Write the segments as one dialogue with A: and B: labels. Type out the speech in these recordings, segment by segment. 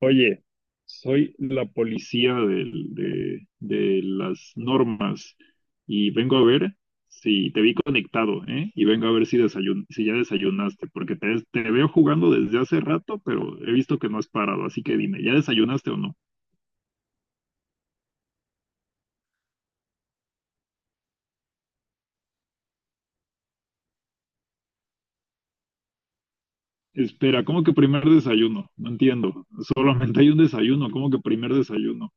A: Oye, soy la policía de las normas y vengo a ver si te vi conectado, ¿eh? Y vengo a ver si si ya desayunaste, porque te veo jugando desde hace rato, pero he visto que no has parado, así que dime, ¿ya desayunaste o no? Espera, ¿cómo que primer desayuno? No entiendo. Solamente hay un desayuno, ¿cómo que primer desayuno?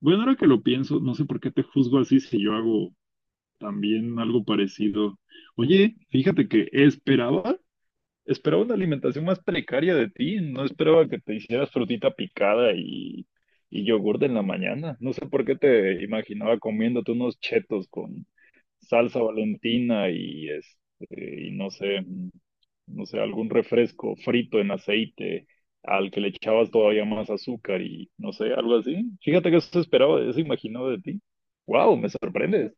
A: Bueno, ahora que lo pienso, no sé por qué te juzgo así si yo hago también algo parecido. Oye, fíjate que esperaba. Esperaba una alimentación más precaria de ti, no esperaba que te hicieras frutita picada y yogur en la mañana. No sé por qué te imaginaba comiéndote unos chetos con salsa Valentina y este, y no sé, no sé, algún refresco frito en aceite al que le echabas todavía más azúcar y no sé, algo así. Fíjate que eso esperaba, eso imaginaba de ti. Wow, me sorprendes.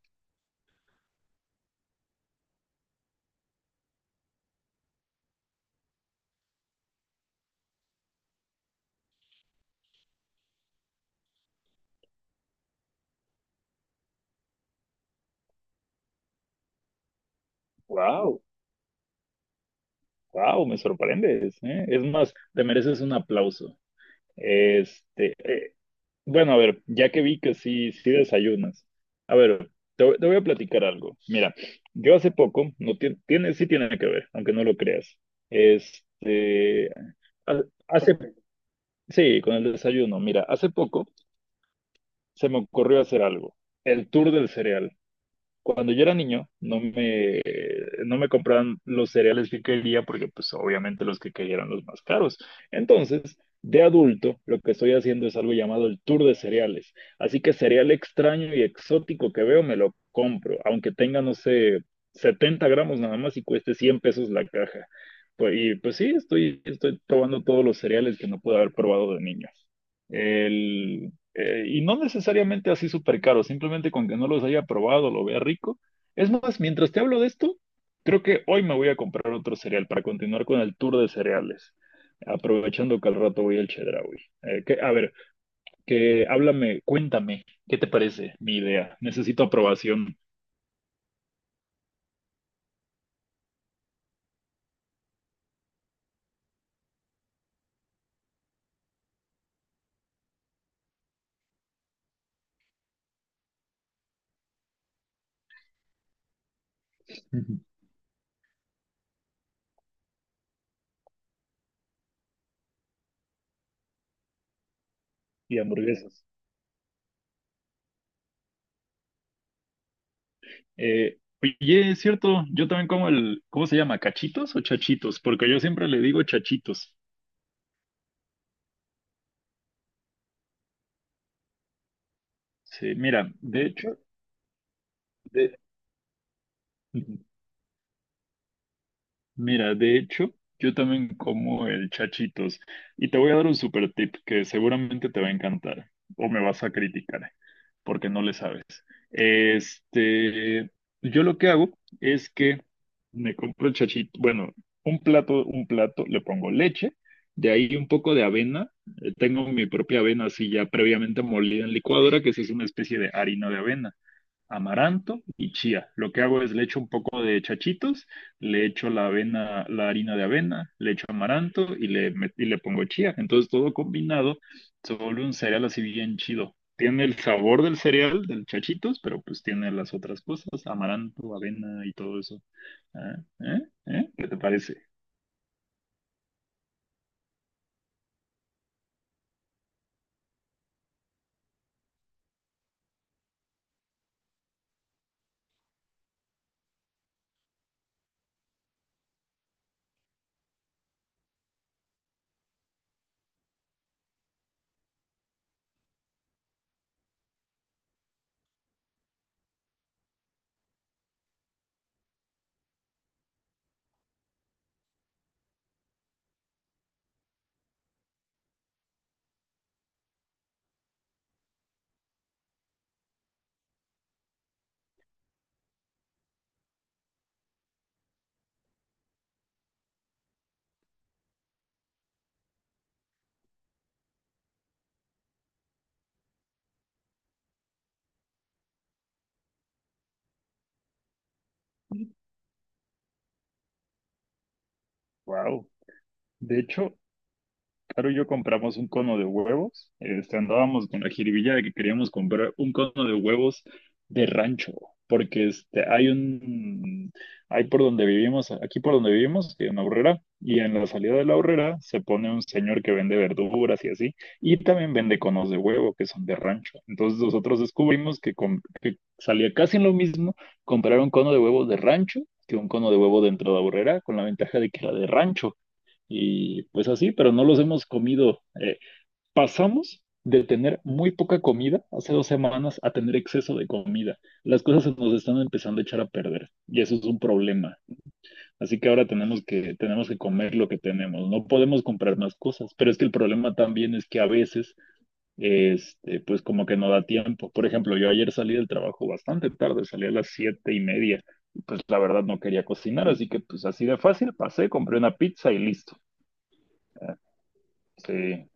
A: Wow, wow, me sorprendes, ¿eh? Es más, te mereces un aplauso. Este, eh, bueno, a ver, ya que vi que sí, sí desayunas. A ver, te voy a platicar algo. Mira, yo hace poco, no tie- tiene, sí tiene que ver, aunque no lo creas. Este, ha- hace, sí, con el desayuno. Mira, hace poco se me ocurrió hacer algo, el tour del cereal. Cuando yo era niño, no me compraban los cereales que quería porque pues obviamente los que quería eran los más caros. Entonces, de adulto, lo que estoy haciendo es algo llamado el tour de cereales. Así que cereal extraño y exótico que veo, me lo compro, aunque tenga, no sé, 70 gramos nada más y cueste 100 pesos la caja. Pues, y pues sí, estoy probando todos los cereales que no pude haber probado de niño. El, y no necesariamente así súper caro, simplemente con que no los haya probado, lo vea rico. Es más, mientras te hablo de esto, creo que hoy me voy a comprar otro cereal para continuar con el tour de cereales, aprovechando que al rato voy al Chedraui. Que, a ver, que háblame, cuéntame, ¿qué te parece mi idea? Necesito aprobación. Ujú. Y hamburguesas. Oye, es cierto, yo también como el, ¿cómo se llama? ¿Cachitos o chachitos? Porque yo siempre le digo chachitos. Sí, mira, de hecho, de... Mira, de hecho, yo también como el chachitos y te voy a dar un super tip que seguramente te va a encantar o me vas a criticar porque no le sabes. Este, yo lo que hago es que me compro el chachito, bueno, un plato, le pongo leche, de ahí un poco de avena, tengo mi propia avena así ya previamente molida en licuadora, que sí es una especie de harina de avena, amaranto y chía. Lo que hago es le echo un poco de chachitos, le echo la avena, la harina de avena, le echo amaranto y le pongo chía. Entonces todo combinado se vuelve un cereal así bien chido. Tiene el sabor del cereal, del chachitos, pero pues tiene las otras cosas, amaranto, avena y todo eso. ¿Eh? ¿Eh? ¿Eh? ¿Qué te parece? Wow. De hecho, Caro y yo compramos un cono de huevos. Este, andábamos con la jiribilla de que queríamos comprar un cono de huevos de rancho, porque este, hay por donde vivimos, aquí por donde vivimos, que en la Aurrera, y en la salida de la Aurrera se pone un señor que vende verduras y así, y también vende conos de huevo que son de rancho. Entonces nosotros descubrimos que, que salía casi lo mismo comprar un cono de huevos de rancho que un cono de huevo dentro de la Aurrera, con la ventaja de que era de rancho y pues así, pero no los hemos comido. Pasamos de tener muy poca comida hace 2 semanas a tener exceso de comida. Las cosas se nos están empezando a echar a perder y eso es un problema. Así que ahora tenemos que comer lo que tenemos. No podemos comprar más cosas, pero es que el problema también es que a veces, este, pues como que no da tiempo. Por ejemplo, yo ayer salí del trabajo bastante tarde, salí a las 7:30. Pues la verdad no quería cocinar, así que pues así de fácil pasé, compré una pizza y listo. Ah, sí.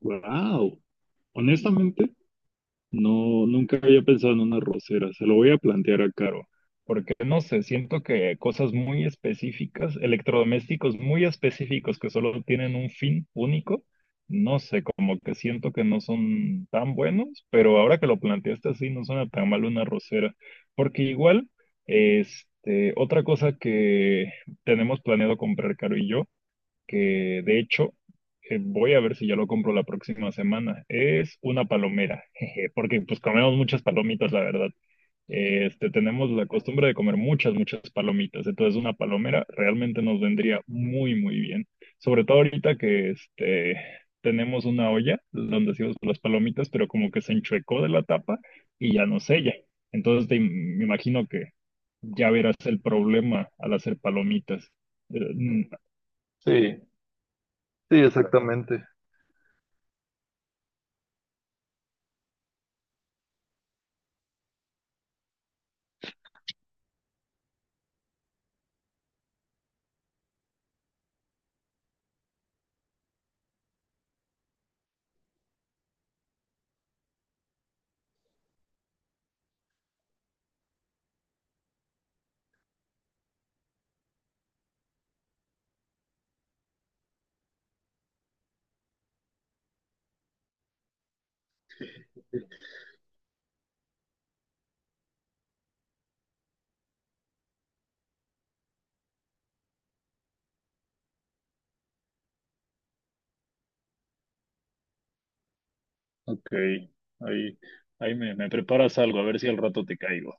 A: Wow. Honestamente, no, nunca había pensado en una rosera. Se lo voy a plantear a Caro, porque no sé, siento que cosas muy específicas, electrodomésticos muy específicos que solo tienen un fin único, no sé, como que siento que no son tan buenos, pero ahora que lo planteaste así, no suena tan mal una rosera, porque igual, este, otra cosa que tenemos planeado comprar Caro y yo, que de hecho, voy a ver si ya lo compro la próxima semana. Es una palomera, jeje, porque pues comemos muchas palomitas, la verdad. Este, tenemos la costumbre de comer muchas, muchas palomitas, entonces una palomera realmente nos vendría muy, muy bien. Sobre todo ahorita que este, tenemos una olla donde hacemos las palomitas, pero como que se enchuecó de la tapa y ya no sella. Entonces me imagino que ya verás el problema al hacer palomitas. Eh, mm, Sí. Sí, exactamente. Ok, ahí, me preparas algo, a ver si al rato te caigo.